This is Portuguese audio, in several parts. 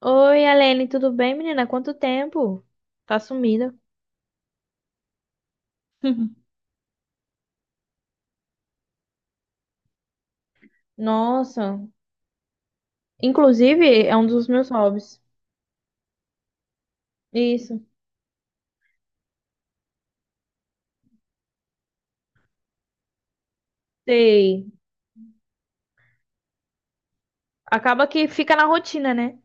Oi, Alene, tudo bem, menina? Quanto tempo? Tá sumida. Nossa. Inclusive, é um dos meus hobbies. Isso, sei. Acaba que fica na rotina, né?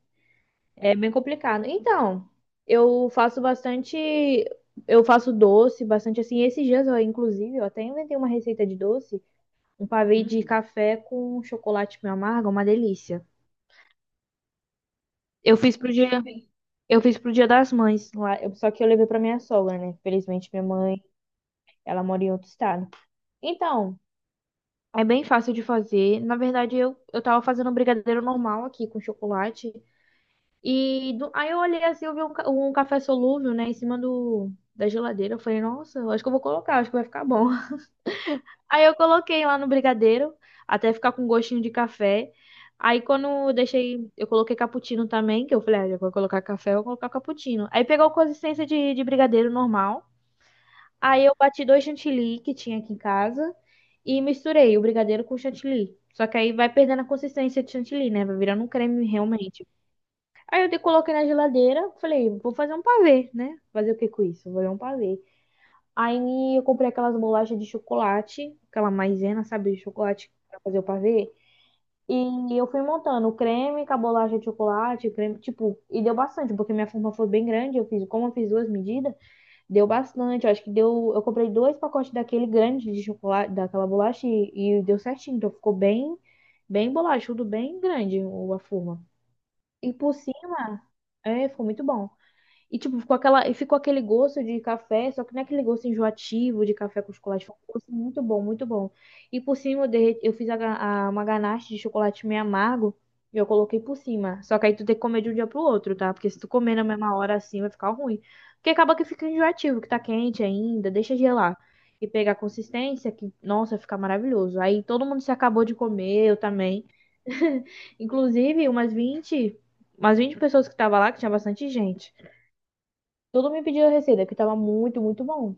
É bem complicado. Então, eu faço bastante. Eu faço doce, bastante assim. Esses dias, eu, inclusive, eu até inventei uma receita de doce, um pavê de café com chocolate meio amargo, é uma delícia. Eu fiz pro dia, eu fiz pro Dia das Mães lá, só que eu levei pra minha sogra, né? Felizmente minha mãe Ela mora em outro estado. Então, é bem fácil de fazer. Na verdade, eu tava fazendo um brigadeiro normal aqui com chocolate. Aí eu olhei assim, eu vi um café solúvel, né, em cima da geladeira. Eu falei, nossa, eu acho que eu vou colocar, acho que vai ficar bom. Aí eu coloquei lá no brigadeiro, até ficar com gostinho de café. Aí quando eu deixei, eu coloquei cappuccino também, que eu falei, ah, já vou colocar café, eu vou colocar cappuccino. Aí pegou consistência de brigadeiro normal. Aí eu bati dois chantilly que tinha aqui em casa e misturei o brigadeiro com o chantilly. Só que aí vai perdendo a consistência de chantilly, né? Vai virando um creme realmente. Aí eu coloquei na geladeira, falei, vou fazer um pavê, né? Fazer o que com isso? Vou fazer um pavê. Aí eu comprei aquelas bolachas de chocolate, aquela maisena, sabe, de chocolate pra fazer o pavê. E eu fui montando o creme com a bolacha de chocolate, o creme, tipo, e deu bastante, porque minha forma foi bem grande, eu fiz, como eu fiz duas medidas, deu bastante, eu acho que deu. Eu comprei dois pacotes daquele grande de chocolate, daquela bolacha e deu certinho. Então ficou bem, bem bolachudo, bem grande a forma. E por cima, é, ficou muito bom. E, tipo, ficou aquela, e ficou aquele gosto de café, só que não é aquele gosto enjoativo de café com chocolate. Foi um gosto muito bom, muito bom. E por cima eu fiz uma ganache de chocolate meio amargo e eu coloquei por cima. Só que aí tu tem que comer de um dia pro outro, tá? Porque se tu comer na mesma hora assim, vai ficar ruim. Porque acaba que fica enjoativo, que tá quente ainda, deixa gelar. E pegar a consistência, que, nossa, fica maravilhoso. Aí todo mundo se acabou de comer, eu também. Inclusive, umas vinte pessoas que tava lá, que tinha bastante gente. Todo me pediu a receita, que tava muito, muito bom.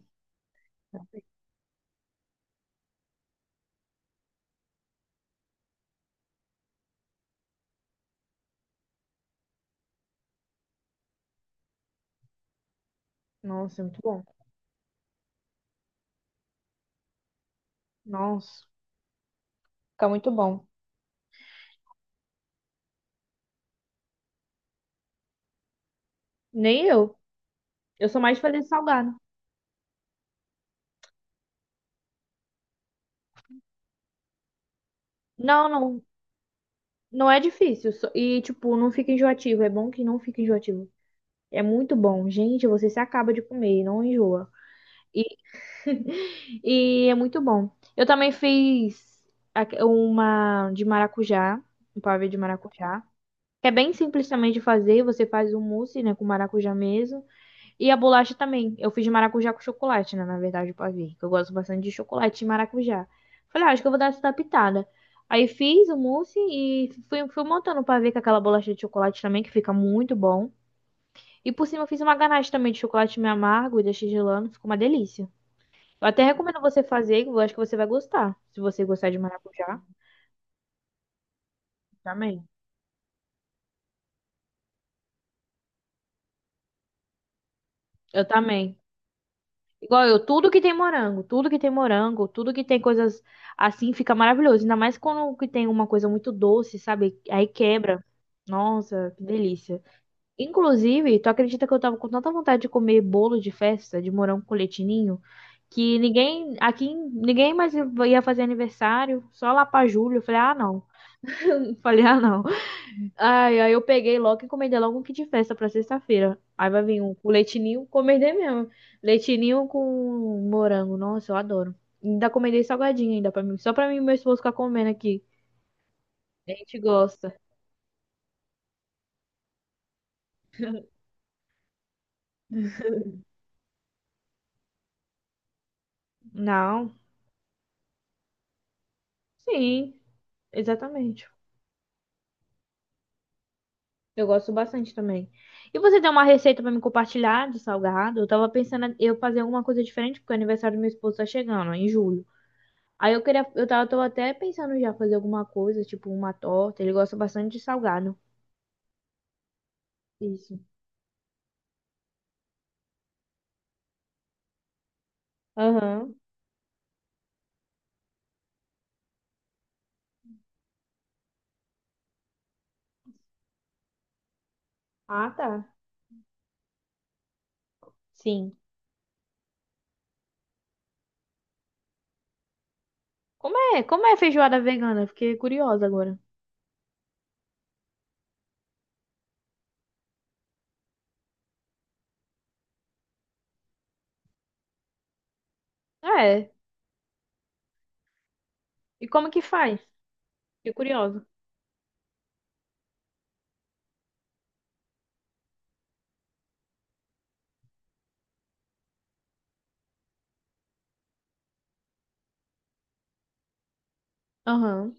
Nossa, é muito bom. Nossa. Fica muito bom. Nem eu. Eu sou mais de fazer salgado. Não, não. Não é difícil. E, tipo, não fica enjoativo. É bom que não fica enjoativo. É muito bom. Gente, você se acaba de comer, não enjoa. E, e é muito bom. Eu também fiz uma de maracujá, um pavê de maracujá. Que é bem simples também de fazer. Você faz um mousse, né, com maracujá mesmo. E a bolacha também. Eu fiz de maracujá com chocolate, né? Na verdade, o pavê. Que eu gosto bastante de chocolate e maracujá. Falei, ah, acho que eu vou dar essa pitada. Aí fiz o mousse e fui montando o pavê com aquela bolacha de chocolate também, que fica muito bom. E por cima eu fiz uma ganache também de chocolate meio amargo e deixei gelando. Ficou uma delícia. Eu até recomendo você fazer, que eu acho que você vai gostar. Se você gostar de maracujá, também. Eu também. Igual eu, tudo que tem morango, tudo que tem morango, tudo que tem coisas assim fica maravilhoso. Ainda mais quando que tem uma coisa muito doce, sabe? Aí quebra. Nossa, que delícia. Inclusive, tu acredita que eu tava com tanta vontade de comer bolo de festa de morango com leitinho, que ninguém aqui, ninguém mais ia fazer aniversário, só lá pra julho. Eu falei: "Ah, não". Falei: "Ah, não". Ai, aí eu peguei logo e encomendei logo um kit de festa pra sexta-feira. Aí vai vir um com leitinho, encomendei mesmo. Leitinho com morango. Nossa, eu adoro. Ainda encomendei salgadinho ainda pra mim, só pra mim e meu esposo ficar comendo aqui. A gente gosta. Não. Sim, exatamente. Eu gosto bastante também. E você tem uma receita pra me compartilhar de salgado? Eu tava pensando em eu fazer alguma coisa diferente, porque o aniversário do meu esposo tá chegando, ó, em julho. Aí eu queria, eu tava, tô até pensando já fazer alguma coisa, tipo uma torta. Ele gosta bastante de salgado. Isso. Aham. Ah, tá. Sim. Como é? Como é feijoada vegana? Fiquei curiosa agora. Ah, é. E como que faz? Fiquei curiosa. Aham.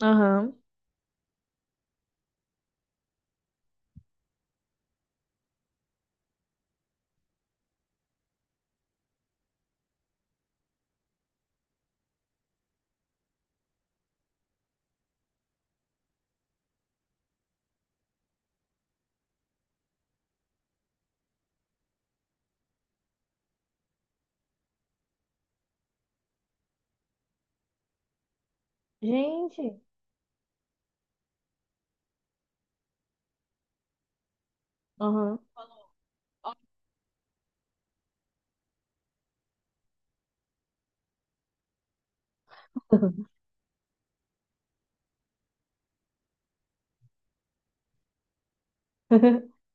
Aham. Gente. Aham.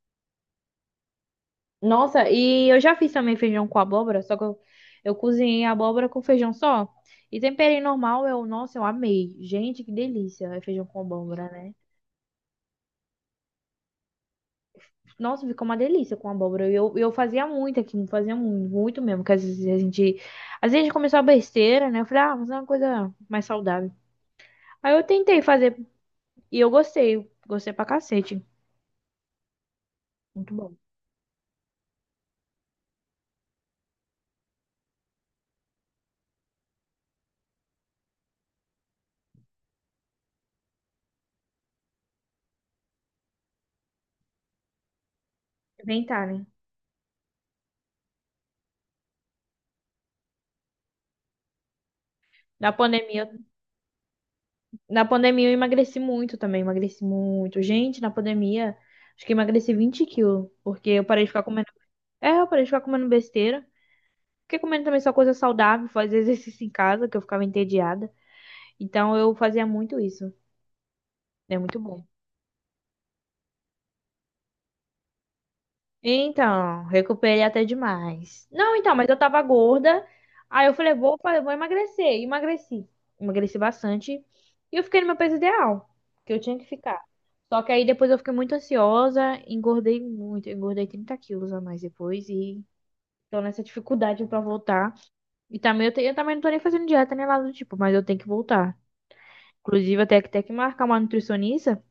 Nossa, e eu já fiz também feijão com abóbora, só que eu cozinhei a abóbora com feijão só. E temperei normal, eu, nossa, eu amei. Gente, que delícia, é feijão com abóbora, né? Nossa, ficou uma delícia com abóbora. E eu fazia muito aqui, fazia muito, muito mesmo. Porque às vezes a gente. Às vezes a gente começou a besteira, né? Eu falei, ah, mas é uma coisa mais saudável. Aí eu tentei fazer e eu gostei. Gostei pra cacete. Muito bom. Tentar, né? Na pandemia, na pandemia, eu emagreci muito também. Emagreci muito. Gente, na pandemia, acho que emagreci 20 quilos. Porque eu parei de ficar comendo. É, eu parei de ficar comendo besteira. Fiquei comendo também só coisa saudável, fazer exercício em casa, que eu ficava entediada. Então eu fazia muito isso. É muito bom. Então, recuperei até demais. Não, então, mas eu tava gorda. Aí eu falei, vou emagrecer. E emagreci. Emagreci bastante. E eu fiquei no meu peso ideal, que eu tinha que ficar. Só que aí depois eu fiquei muito ansiosa, engordei muito, eu engordei 30 quilos a mais depois e tô nessa dificuldade pra voltar. E também eu também não tô nem fazendo dieta nem nada do tipo, mas eu tenho que voltar. Inclusive, até que ter que marcar uma nutricionista.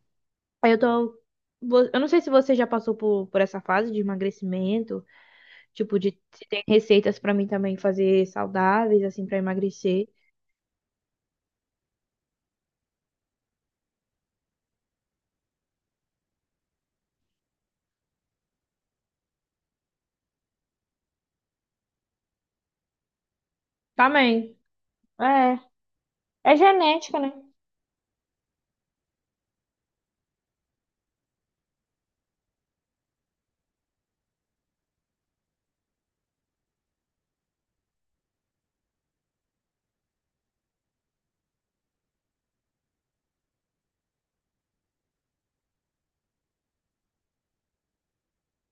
Aí eu tô. Eu não sei se você já passou por essa fase de emagrecimento. Tipo, de se tem receitas pra mim também fazer saudáveis, assim, pra emagrecer. Também. É. É genética, né?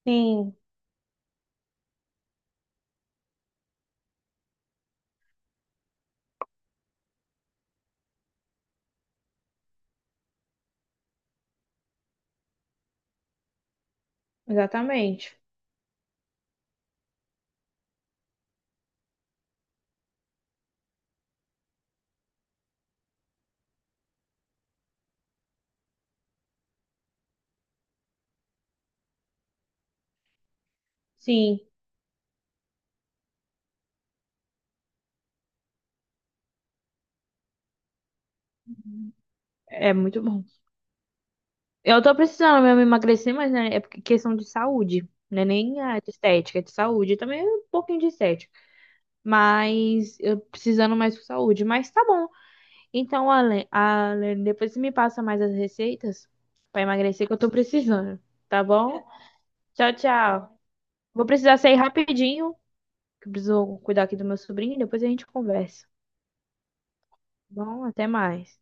Sim, exatamente. Sim, é muito bom. Eu tô precisando mesmo emagrecer, mas né, é porque questão de saúde. Não é nem a de estética, é de saúde. Também é um pouquinho de estética. Mas eu precisando mais por saúde. Mas tá bom. Então, Ale, Ale, depois você me passa mais as receitas pra emagrecer que eu tô precisando. Tá bom? Tchau, tchau. Vou precisar sair rapidinho, que eu preciso cuidar aqui do meu sobrinho, depois a gente conversa. Tá bom, até mais.